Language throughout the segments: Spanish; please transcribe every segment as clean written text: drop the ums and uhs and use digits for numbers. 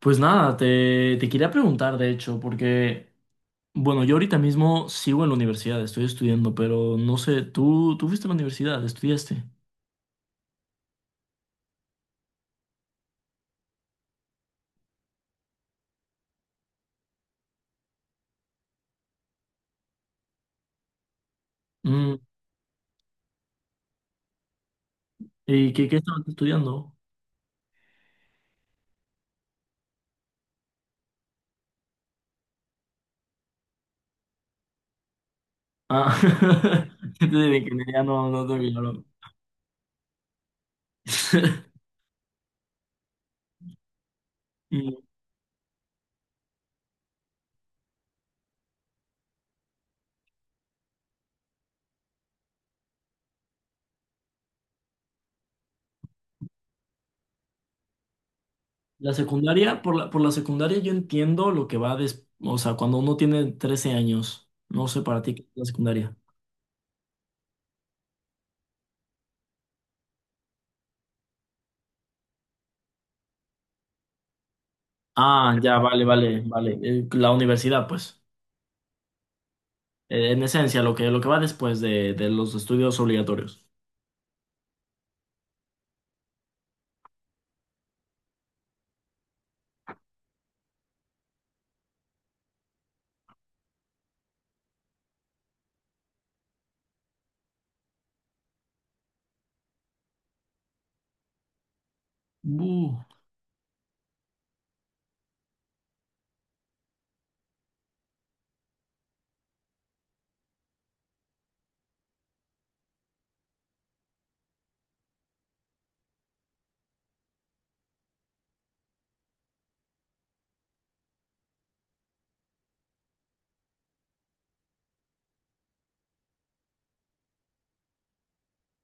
Pues nada, te quería preguntar, de hecho, porque, bueno, yo ahorita mismo sigo en la universidad, estoy estudiando, pero no sé, ¿tú fuiste a la universidad, estudiaste? Mm, ¿y qué estabas estudiando? Ah, entonces de ingeniería no, no tengo claro. Mm, la secundaria, por la secundaria yo entiendo lo que va o sea, cuando uno tiene 13 años, no sé para ti qué es la secundaria. Ah, ya, vale, vale, vale. La universidad, pues. En esencia, lo que va después de los estudios obligatorios. Uh,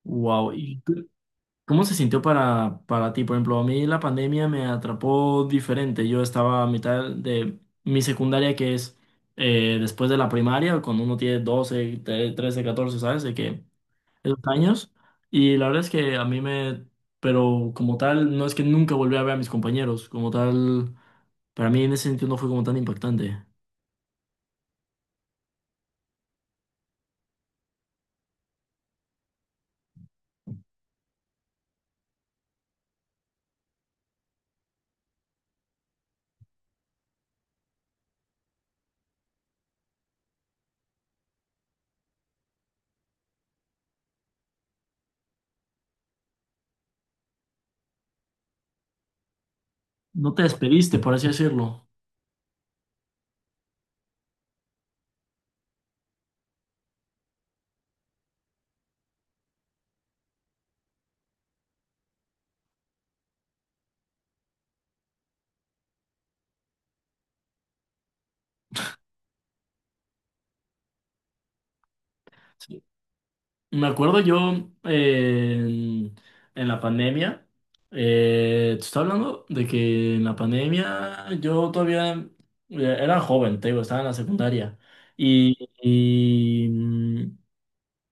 wow. ¿Y qué, cómo se sintió para ti? Por ejemplo, a mí la pandemia me atrapó diferente. Yo estaba a mitad de mi secundaria, que es después de la primaria, cuando uno tiene 13, 14, ¿sabes? De que esos años. Y la verdad es que a mí me... Pero como tal, no es que nunca volví a ver a mis compañeros. Como tal, para mí en ese sentido no fue como tan impactante. No te despediste, por así decirlo. Me acuerdo yo en la pandemia, te estaba hablando de que en la pandemia yo todavía era joven, te digo, estaba en la secundaria. Y,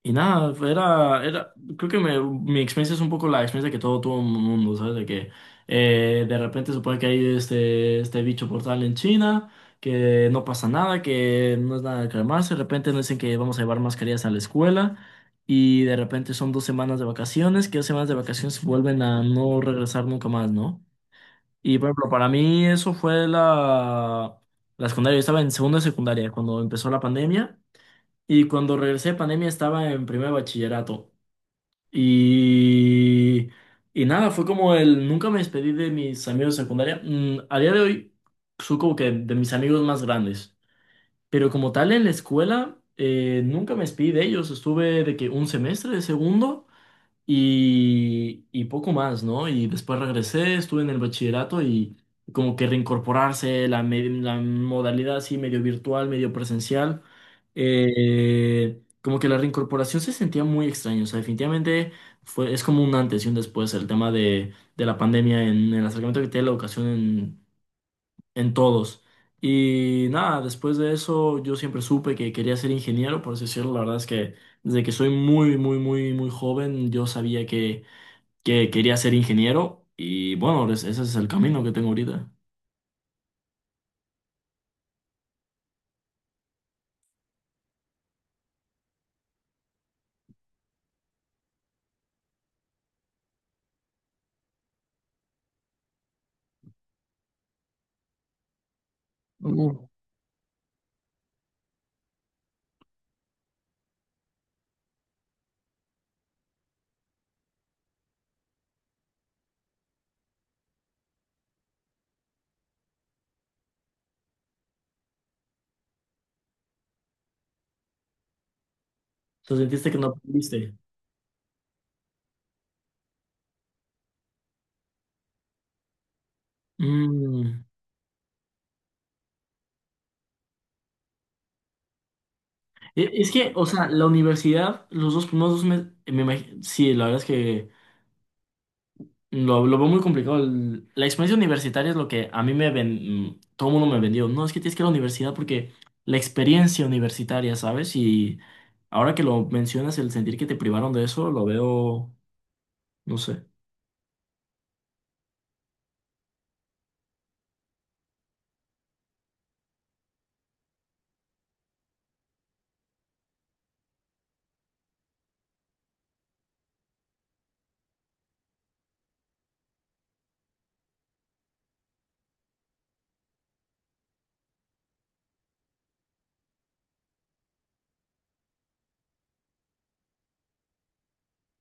y nada, era, creo que mi experiencia es un poco la experiencia que todo tuvo el mundo, ¿sabes? De que de repente supone que hay este bicho portal en China, que no pasa nada, que no es nada de calmarse, de repente nos dicen que vamos a llevar mascarillas a la escuela y de repente son dos semanas de vacaciones, que dos semanas de vacaciones vuelven a no regresar nunca más, ¿no? Y por ejemplo, para mí eso fue la, la secundaria, yo estaba en segunda de secundaria cuando empezó la pandemia. Y cuando regresé de pandemia estaba en primer bachillerato. Y, y nada, fue como el... Nunca me despedí de mis amigos de secundaria. Mm, a día de hoy, soy como que de mis amigos más grandes. Pero como tal, en la escuela, nunca me despedí de ellos. Estuve de que un semestre de segundo y poco más, ¿no? Y después regresé, estuve en el bachillerato y como que reincorporarse la modalidad así medio virtual, medio presencial, como que la reincorporación se sentía muy extraña, o sea, definitivamente fue, es como un antes y un después el tema de la pandemia en el acercamiento que tiene la educación en todos. Y nada, después de eso yo siempre supe que quería ser ingeniero, por así decirlo, la verdad es que... Desde que soy muy, muy, muy, muy joven, yo sabía que quería ser ingeniero y bueno, ese es el camino que tengo ahorita. Uh, ¿Te sentiste que no aprendiste? Mm, es que, o sea, la universidad, los dos primeros dos meses, sí, la verdad es que lo veo muy complicado. La experiencia universitaria es lo que a mí me ven, mm, todo el mundo me vendió. No, es que tienes que ir a la universidad porque la experiencia universitaria, ¿sabes? Y ahora que lo mencionas, el sentir que te privaron de eso, lo veo, no sé.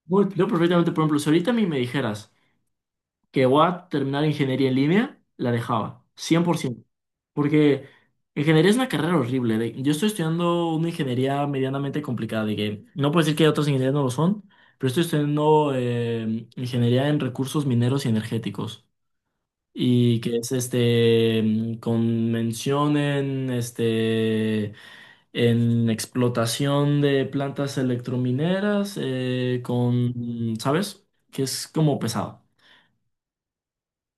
Bueno, yo perfectamente, por ejemplo, si ahorita a mí me dijeras, que voy a terminar ingeniería en línea, la dejaba, 100%. Porque ingeniería es una carrera horrible. Yo estoy estudiando una ingeniería medianamente complicada, de que no puedo decir que otras ingenierías no lo son, pero estoy estudiando ingeniería en recursos mineros y energéticos. Y que es este mm, con mención en este en explotación de plantas electromineras ¿sabes? Que es como pesado.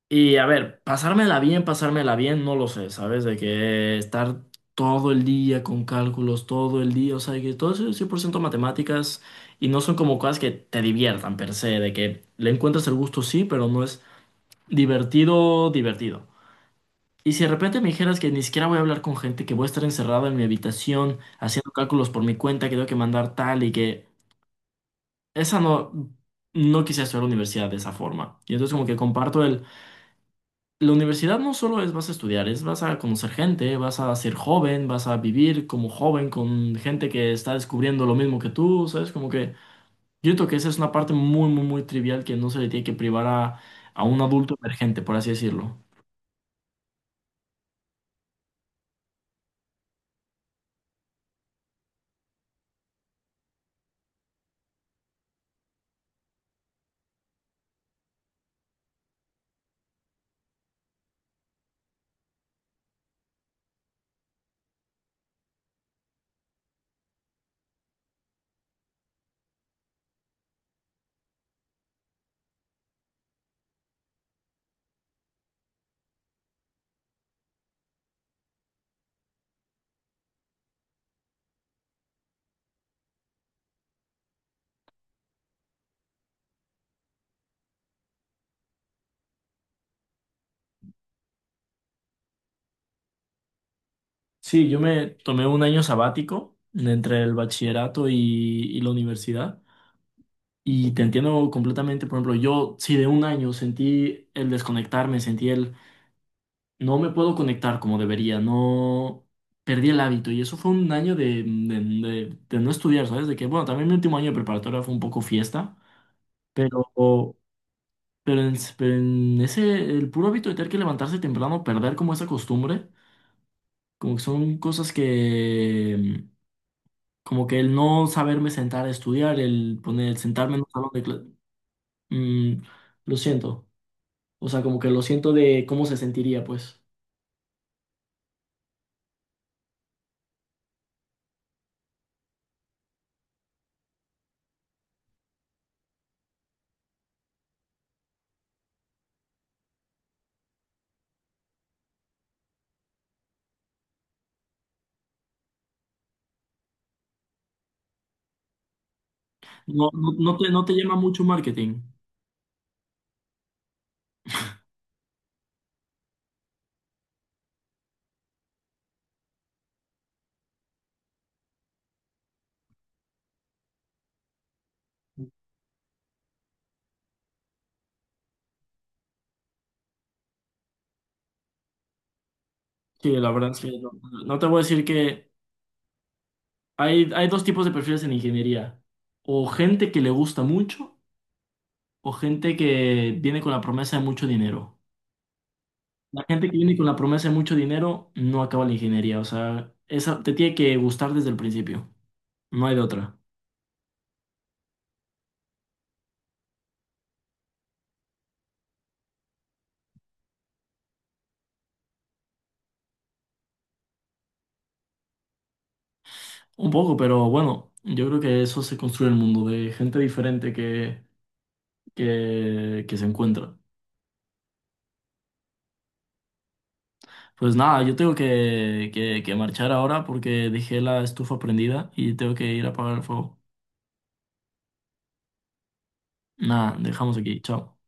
Y a ver, pasármela bien, no lo sé, ¿sabes? De que estar todo el día con cálculos, todo el día, o sea, que todo eso es 100% matemáticas y no son como cosas que te diviertan per se, de que le encuentras el gusto, sí, pero no es divertido, divertido. Y si de repente me dijeras que ni siquiera voy a hablar con gente, que voy a estar encerrado en mi habitación haciendo cálculos por mi cuenta, que tengo que mandar tal y que esa no, no quisiera estudiar a la universidad de esa forma. Y entonces como que comparto la universidad no solo es vas a estudiar, es vas a conocer gente, vas a ser joven, vas a vivir como joven con gente que está descubriendo lo mismo que tú, ¿sabes? Como que yo creo que esa es una parte muy, muy, muy trivial que no se le tiene que privar a un adulto emergente, por así decirlo. Sí, yo me tomé un año sabático entre el bachillerato y la universidad y te entiendo completamente, por ejemplo, yo sí de un año sentí el desconectarme, sentí el... No me puedo conectar como debería, no perdí el hábito y eso fue un año de no estudiar, ¿sabes? De que, bueno, también mi último año de preparatoria fue un poco fiesta, pero, pero en ese, el puro hábito de tener que levantarse temprano, perder como esa costumbre, como que son cosas que, como que el no saberme sentar a estudiar, el poner, el sentarme en un salón de clase, lo siento, o sea, como que lo siento de cómo se sentiría, pues. No, no, no te, no te llama mucho marketing. Sí, la verdad es que no, no te voy a decir que hay dos tipos de perfiles en ingeniería. O gente que le gusta mucho o gente que viene con la promesa de mucho dinero. La gente que viene con la promesa de mucho dinero no acaba la ingeniería. O sea, esa te tiene que gustar desde el principio. No hay de otra. Un poco, pero bueno, yo creo que eso se construye el mundo de gente diferente que se encuentra. Pues nada, yo tengo que marchar ahora porque dejé la estufa prendida y tengo que ir a apagar el fuego. Nada, dejamos aquí. Chao.